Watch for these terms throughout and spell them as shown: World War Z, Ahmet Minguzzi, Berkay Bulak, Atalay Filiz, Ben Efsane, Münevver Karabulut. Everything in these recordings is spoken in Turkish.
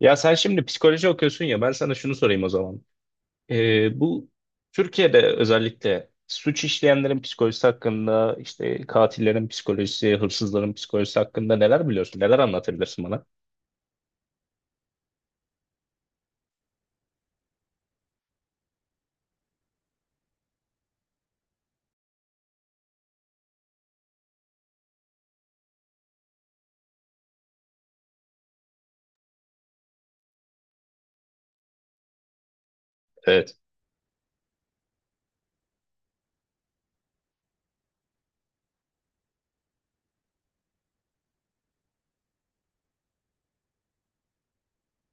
Ya sen şimdi psikoloji okuyorsun ya ben sana şunu sorayım o zaman. Bu Türkiye'de özellikle suç işleyenlerin psikolojisi hakkında işte katillerin psikolojisi, hırsızların psikolojisi hakkında neler biliyorsun? Neler anlatabilirsin bana? Evet.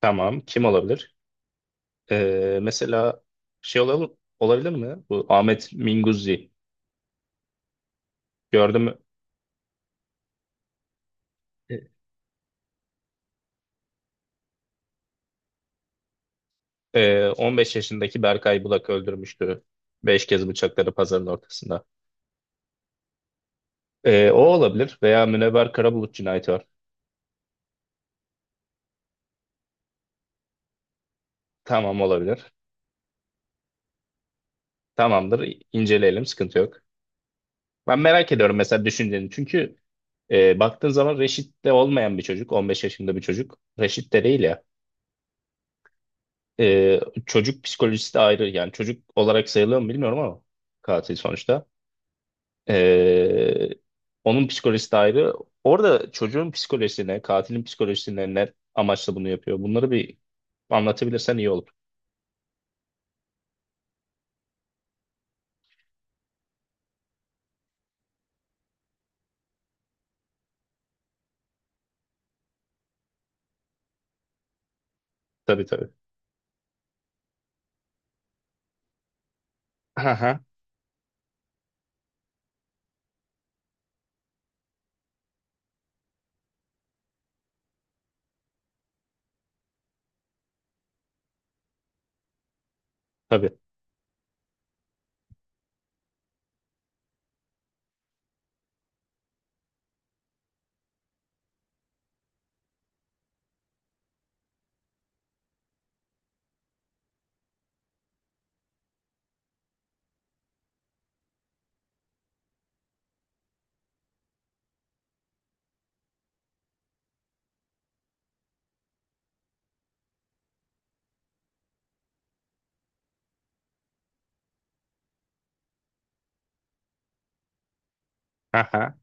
Tamam. Kim olabilir? Mesela şey olabilir, olabilir mi? Bu Ahmet Minguzzi. Gördün mü? E, 15 yaşındaki Berkay Bulak öldürmüştü. Beş kez bıçakladı pazarın ortasında. O olabilir. Veya Münevver Karabulut cinayeti var. Tamam olabilir. Tamamdır, inceleyelim. Sıkıntı yok. Ben merak ediyorum mesela düşünceni. Çünkü baktığın zaman Reşit'te olmayan bir çocuk. 15 yaşında bir çocuk. Reşit değil ya. Ee, Çocuk psikolojisi de ayrı. Yani çocuk olarak sayılıyor mu bilmiyorum ama katil sonuçta. Ee, Onun psikolojisi de ayrı. Orada çocuğun psikolojisine, katilin psikolojisine ne amaçla bunu yapıyor? Bunları bir anlatabilirsen iyi olur. Tabii, tabii. Aha, tabii. Aha,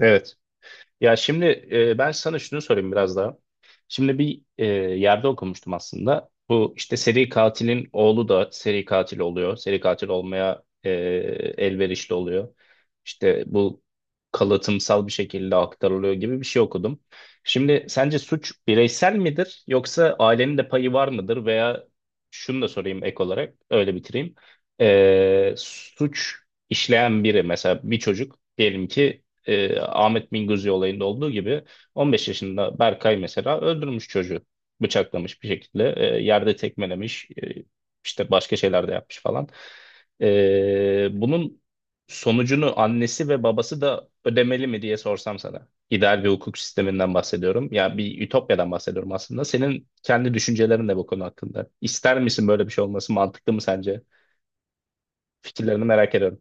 evet. Ya şimdi, ben sana şunu sorayım biraz daha. Şimdi bir yerde okumuştum aslında. Bu işte seri katilin oğlu da seri katil oluyor. Seri katil olmaya elverişli oluyor. İşte bu kalıtımsal bir şekilde aktarılıyor gibi bir şey okudum. Şimdi sence suç bireysel midir yoksa ailenin de payı var mıdır, veya şunu da sorayım ek olarak, öyle bitireyim. Suç işleyen biri, mesela bir çocuk diyelim ki, Ahmet Minguzzi olayında olduğu gibi 15 yaşında Berkay mesela öldürmüş çocuğu. Bıçaklamış bir şekilde, yerde tekmelemiş, işte başka şeyler de yapmış falan. Bunun sonucunu annesi ve babası da ödemeli mi diye sorsam sana. İdeal bir hukuk sisteminden bahsediyorum. Ya bir ütopyadan bahsediyorum aslında. Senin kendi düşüncelerin de bu konu hakkında. İster misin böyle bir şey olması? Mantıklı mı sence? Fikirlerini merak ediyorum.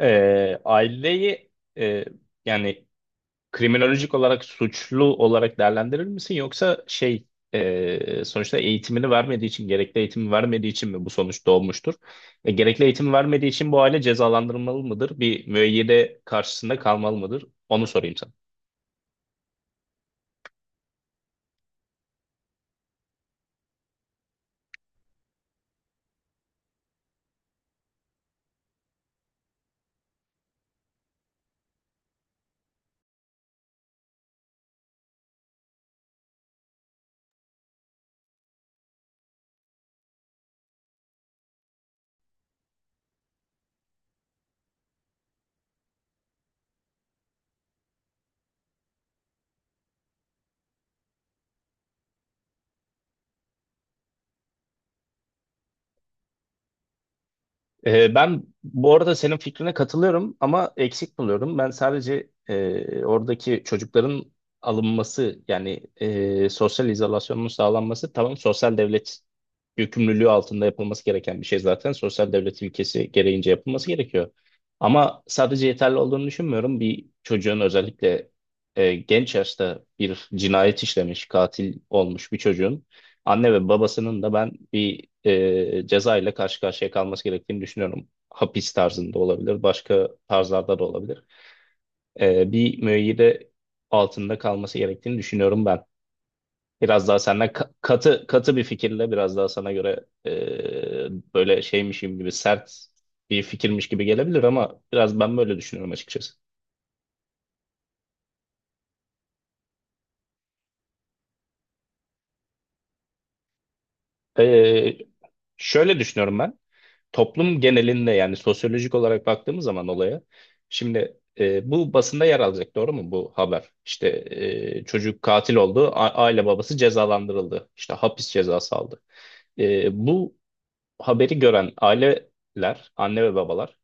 Aileyi e, yani kriminolojik olarak suçlu olarak değerlendirir misin, yoksa sonuçta eğitimini vermediği için, gerekli eğitimi vermediği için mi bu sonuç doğmuştur? Gerekli eğitim vermediği için bu aile cezalandırılmalı mıdır? Bir müeyyide karşısında kalmalı mıdır? Onu sorayım. Ben bu arada senin fikrine katılıyorum ama eksik buluyorum. Ben sadece oradaki çocukların alınması, yani sosyal izolasyonun sağlanması, tamam, sosyal devlet yükümlülüğü altında yapılması gereken bir şey zaten. Sosyal devlet ilkesi gereğince yapılması gerekiyor. Ama sadece yeterli olduğunu düşünmüyorum. Bir çocuğun, özellikle genç yaşta bir cinayet işlemiş, katil olmuş bir çocuğun anne ve babasının da ben bir ceza ile karşı karşıya kalması gerektiğini düşünüyorum. Hapis tarzında olabilir, başka tarzlarda da olabilir. Bir müeyyide altında kalması gerektiğini düşünüyorum ben. Biraz daha senden katı katı bir fikirle, biraz daha sana göre böyle şeymişim gibi, sert bir fikirmiş gibi gelebilir ama biraz ben böyle düşünüyorum açıkçası. E, Şöyle düşünüyorum ben. Toplum genelinde, yani sosyolojik olarak baktığımız zaman olaya, şimdi bu basında yer alacak, doğru mu bu haber? İşte çocuk katil oldu, aile babası cezalandırıldı, işte hapis cezası aldı. Bu haberi gören aileler, anne ve babalar,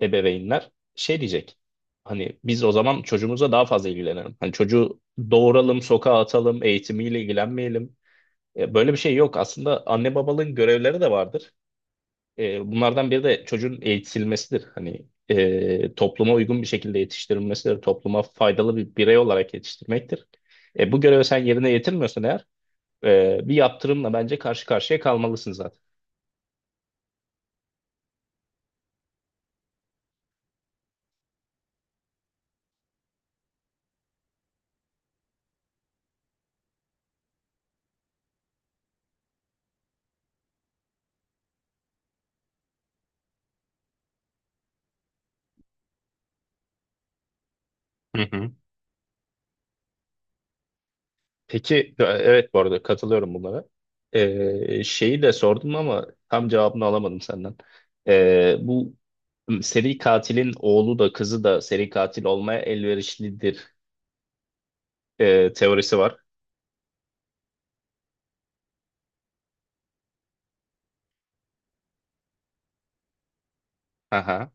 ebeveynler şey diyecek. Hani biz o zaman çocuğumuza daha fazla ilgilenelim. Hani çocuğu doğuralım, sokağa atalım, eğitimiyle ilgilenmeyelim. Böyle bir şey yok. Aslında anne babalığın görevleri de vardır. Bunlardan biri de çocuğun eğitilmesidir. Hani topluma uygun bir şekilde yetiştirilmesidir. Topluma faydalı bir birey olarak yetiştirmektir. Bu görevi sen yerine getirmiyorsan eğer, bir yaptırımla bence karşı karşıya kalmalısın zaten. Hı hı. Peki, evet, bu arada katılıyorum bunlara. Şeyi de sordum ama tam cevabını alamadım senden. Bu seri katilin oğlu da kızı da seri katil olmaya elverişlidir teorisi var. Aha.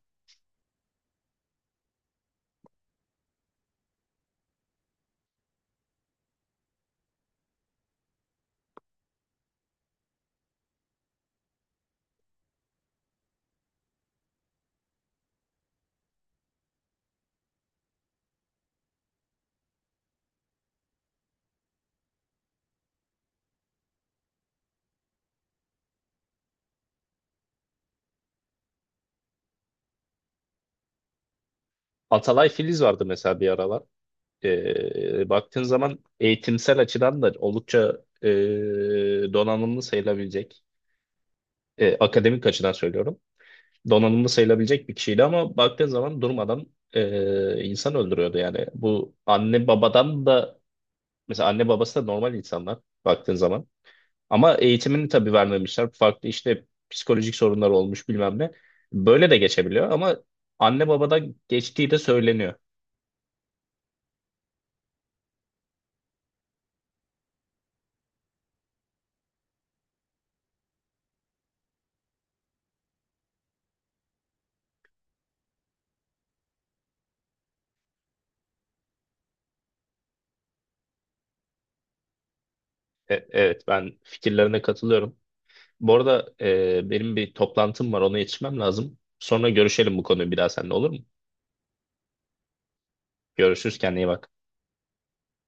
Atalay Filiz vardı mesela bir aralar. Baktığın zaman eğitimsel açıdan da oldukça donanımlı sayılabilecek, akademik açıdan söylüyorum, donanımlı sayılabilecek bir kişiydi ama baktığın zaman durmadan insan öldürüyordu yani. Bu anne babadan da, mesela anne babası da normal insanlar baktığın zaman. Ama eğitimini tabii vermemişler. Farklı işte psikolojik sorunlar olmuş bilmem ne. Böyle de geçebiliyor ama anne babadan geçtiği de söyleniyor. Evet, ben fikirlerine katılıyorum. Bu arada benim bir toplantım var, ona yetişmem lazım. Sonra görüşelim bu konuyu bir daha seninle, olur mu? Görüşürüz, kendine iyi bak.